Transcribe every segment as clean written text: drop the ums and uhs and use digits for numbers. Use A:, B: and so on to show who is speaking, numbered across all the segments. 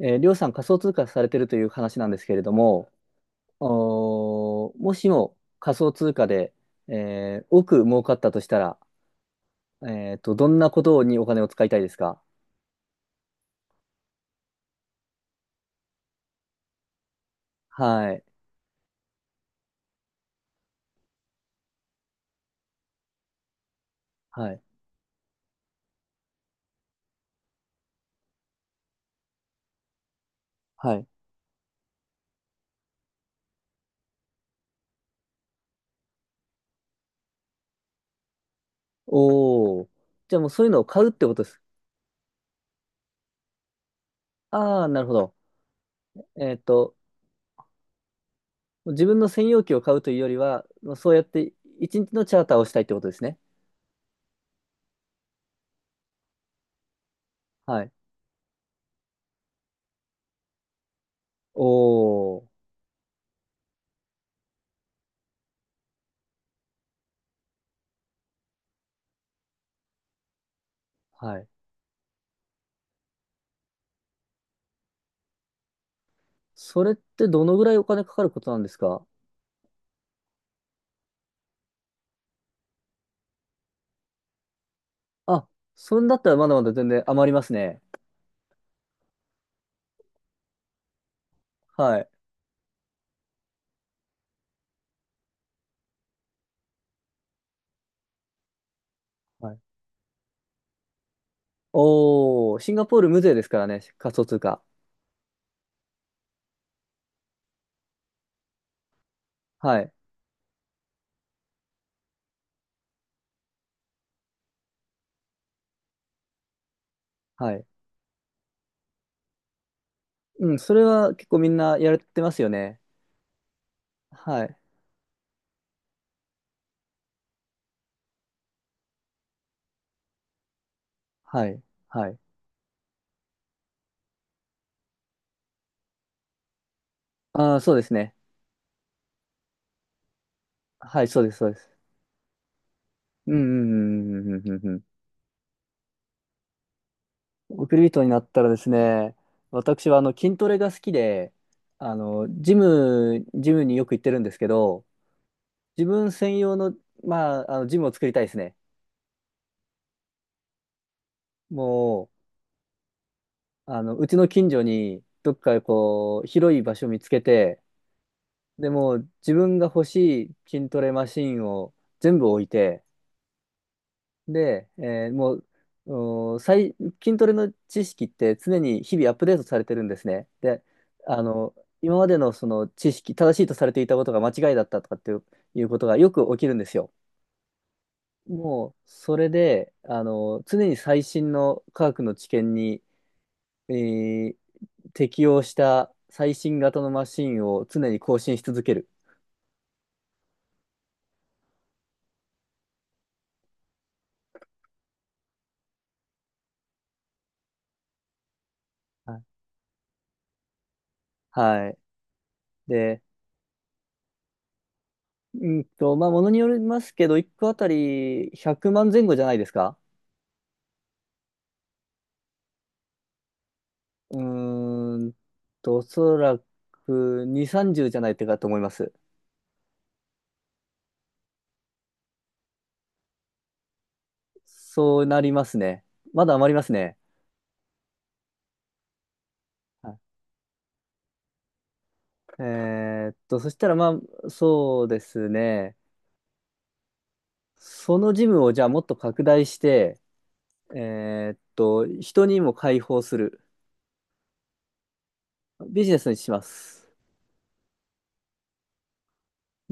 A: りょうさん仮想通貨されてるという話なんですけれども、もしも仮想通貨で、億儲かったとしたら、どんなことにお金を使いたいですか？はい、はい、はい。おお、じゃあもうそういうのを買うってことです。ああ、なるほど。えっと、自分の専用機を買うというよりは、まあそうやって一日のチャーターをしたいってことですね。はい。おお、はい。それってどのぐらいお金かかることなんですか？あ、そんだったらまだまだ全然余りますね。はい。はい。おー、シンガポール無税ですからね、仮想通貨。はい。はい。うん、それは結構みんなやれてますよね。はい。はい。はい。ああ、そうですね。はい、そうです、そうです。うん、うん、うん、うん、うん。うんうん、送り人になったらですね、私は筋トレが好きで、ジムによく行ってるんですけど、自分専用の、まあ、ジムを作りたいですね。もう、うちの近所に、どっかこう、広い場所見つけて、でもう自分が欲しい筋トレマシンを全部置いて、で、もう、お最、筋トレの知識って常に日々アップデートされてるんですね。で、あの、今までのその知識、正しいとされていたことが間違いだったとかっていう、いうことがよく起きるんですよ。もう、それで、常に最新の科学の知見に、えー適用した最新型のマシンを常に更新し続ける。はい。はい。で、まあ、ものによりますけど、1個あたり100万前後じゃないですか？うーんおそらく2、30じゅうじゃないかと思います。そうなりますね。まだ余りますね。はい。えそしたらまあ、そうですね。そのジムをじゃあもっと拡大して、人にも開放する。ビジネスにします。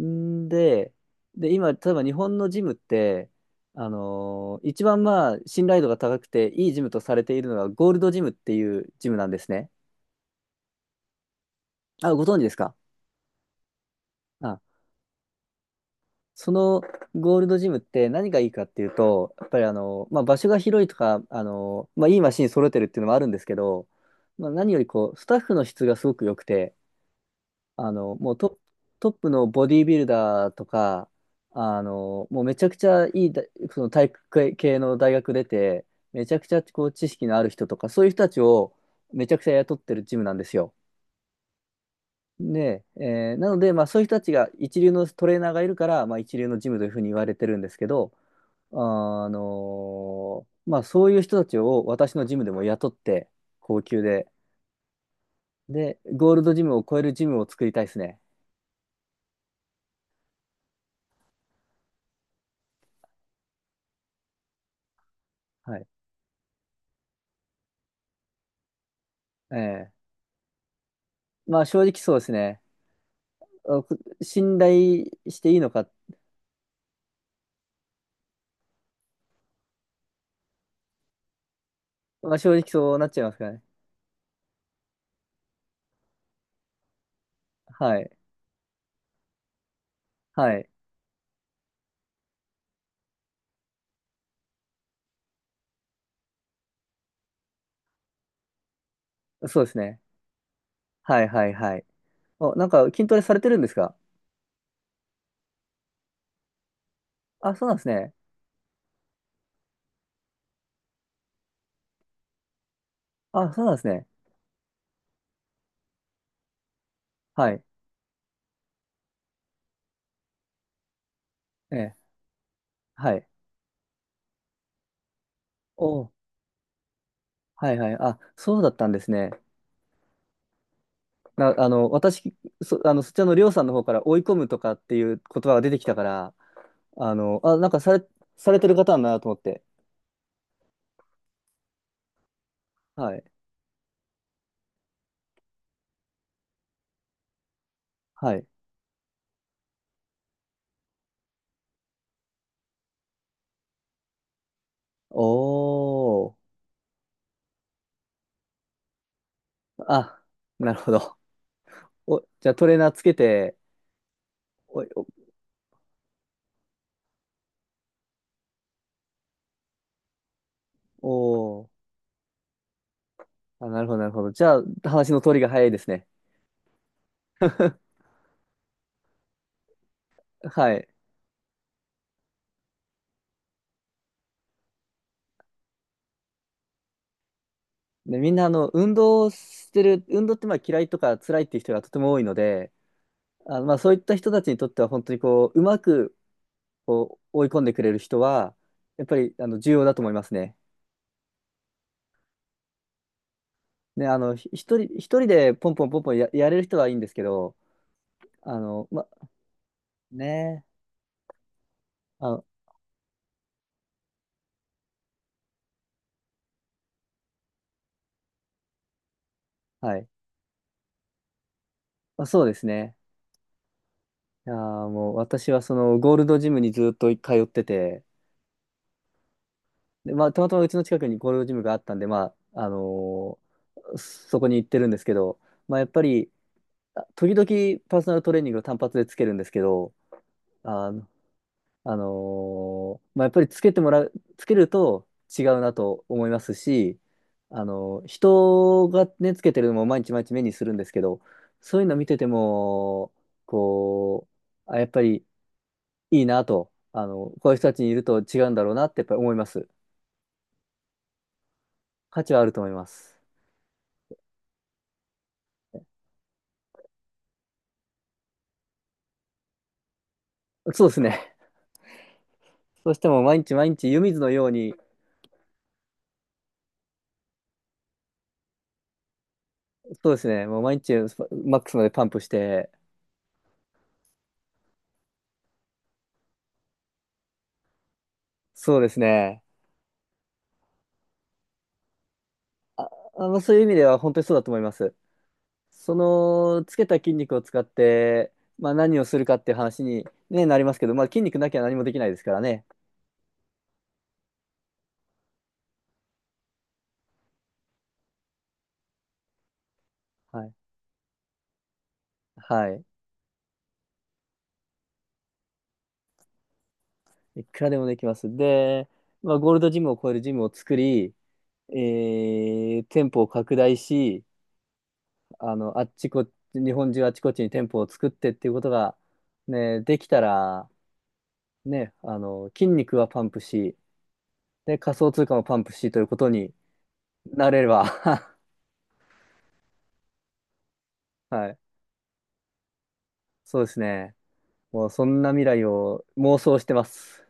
A: んで、で、今、例えば日本のジムって、一番まあ、信頼度が高くて、いいジムとされているのが、ゴールドジムっていうジムなんですね。あ、ご存知ですか？あ、そのゴールドジムって何がいいかっていうと、やっぱりまあ、場所が広いとか、まあ、いいマシン揃えてるっていうのもあるんですけど、まあ、何よりこう、スタッフの質がすごく良くて、もうトップのボディービルダーとか、もうめちゃくちゃいいだ、その体育系の大学出て、めちゃくちゃこう知識のある人とか、そういう人たちをめちゃくちゃ雇ってるジムなんですよ。で、なので、まあそういう人たちが一流のトレーナーがいるから、まあ一流のジムというふうに言われてるんですけど、まあそういう人たちを私のジムでも雇って、高級で、で、ゴールドジムを超えるジムを作りたいですね。はい。ええ、まあ正直そうですね。あく信頼していいのか。まあ正直そうなっちゃいますからね。はい。はい。そうですね。はいはいはい。お、なんか筋トレされてるんですか？あ、そうなんですね。あ、そうなんですね。はい。ええ。はい。お、はいはい。あ、そうだったんですね。私、そちらのりょうさんの方から追い込むとかっていう言葉が出てきたから、あ、されてる方なんだなと思って。はい。はい。おー。あ、なるほど。お、じゃあトレーナーつけて、お、お、おー、あ、なるほど、なるほど。じゃあ、話の通りが早いですね。はい。で、みんな、運動ってまあ嫌いとか辛いっていう人がとても多いので、まあそういった人たちにとっては本当にこう、うまくこう追い込んでくれる人は、やっぱり重要だと思いますね。ね、ひ一人、一人でポンポンポンポンやれる人はいいんですけど、ま、ね、あの、はい。まあ、そうですね。いやーもう私はそのゴールドジムにずっと通ってて、で、まあ、たまたまうちの近くにゴールドジムがあったんで、まあ、そこに行ってるんですけど、まあ、やっぱり、あ時々パーソナルトレーニングを単発でつけるんですけど、あの、あのまあ、やっぱりつけると違うなと思いますし、人がね、つけてるのも毎日毎日目にするんですけど、そういうの見てても、こう、あ、やっぱりいいなと、こういう人たちにいると違うんだろうなってやっぱり思います。価値はあると思います。そうですね。そうしても毎日毎日湯水のように、そうですね、もう毎日マックスまでパンプして、そうですね、あ、そういう意味では本当にそうだと思います。その、つけた筋肉を使って、まあ何をするかっていう話に、ね、なりますけど、まあ筋肉なきゃ何もできないですからね。はい。はい。いくらでもできます。で、まあゴールドジムを超えるジムを作り、え店舗を拡大し、あっちこっち、日本中あっちこっちに店舗を作ってっていうことが、ね、できたら、ね、筋肉はパンプし、で、仮想通貨もパンプしということになれれば、はい、そうですね。もうそんな未来を妄想してます。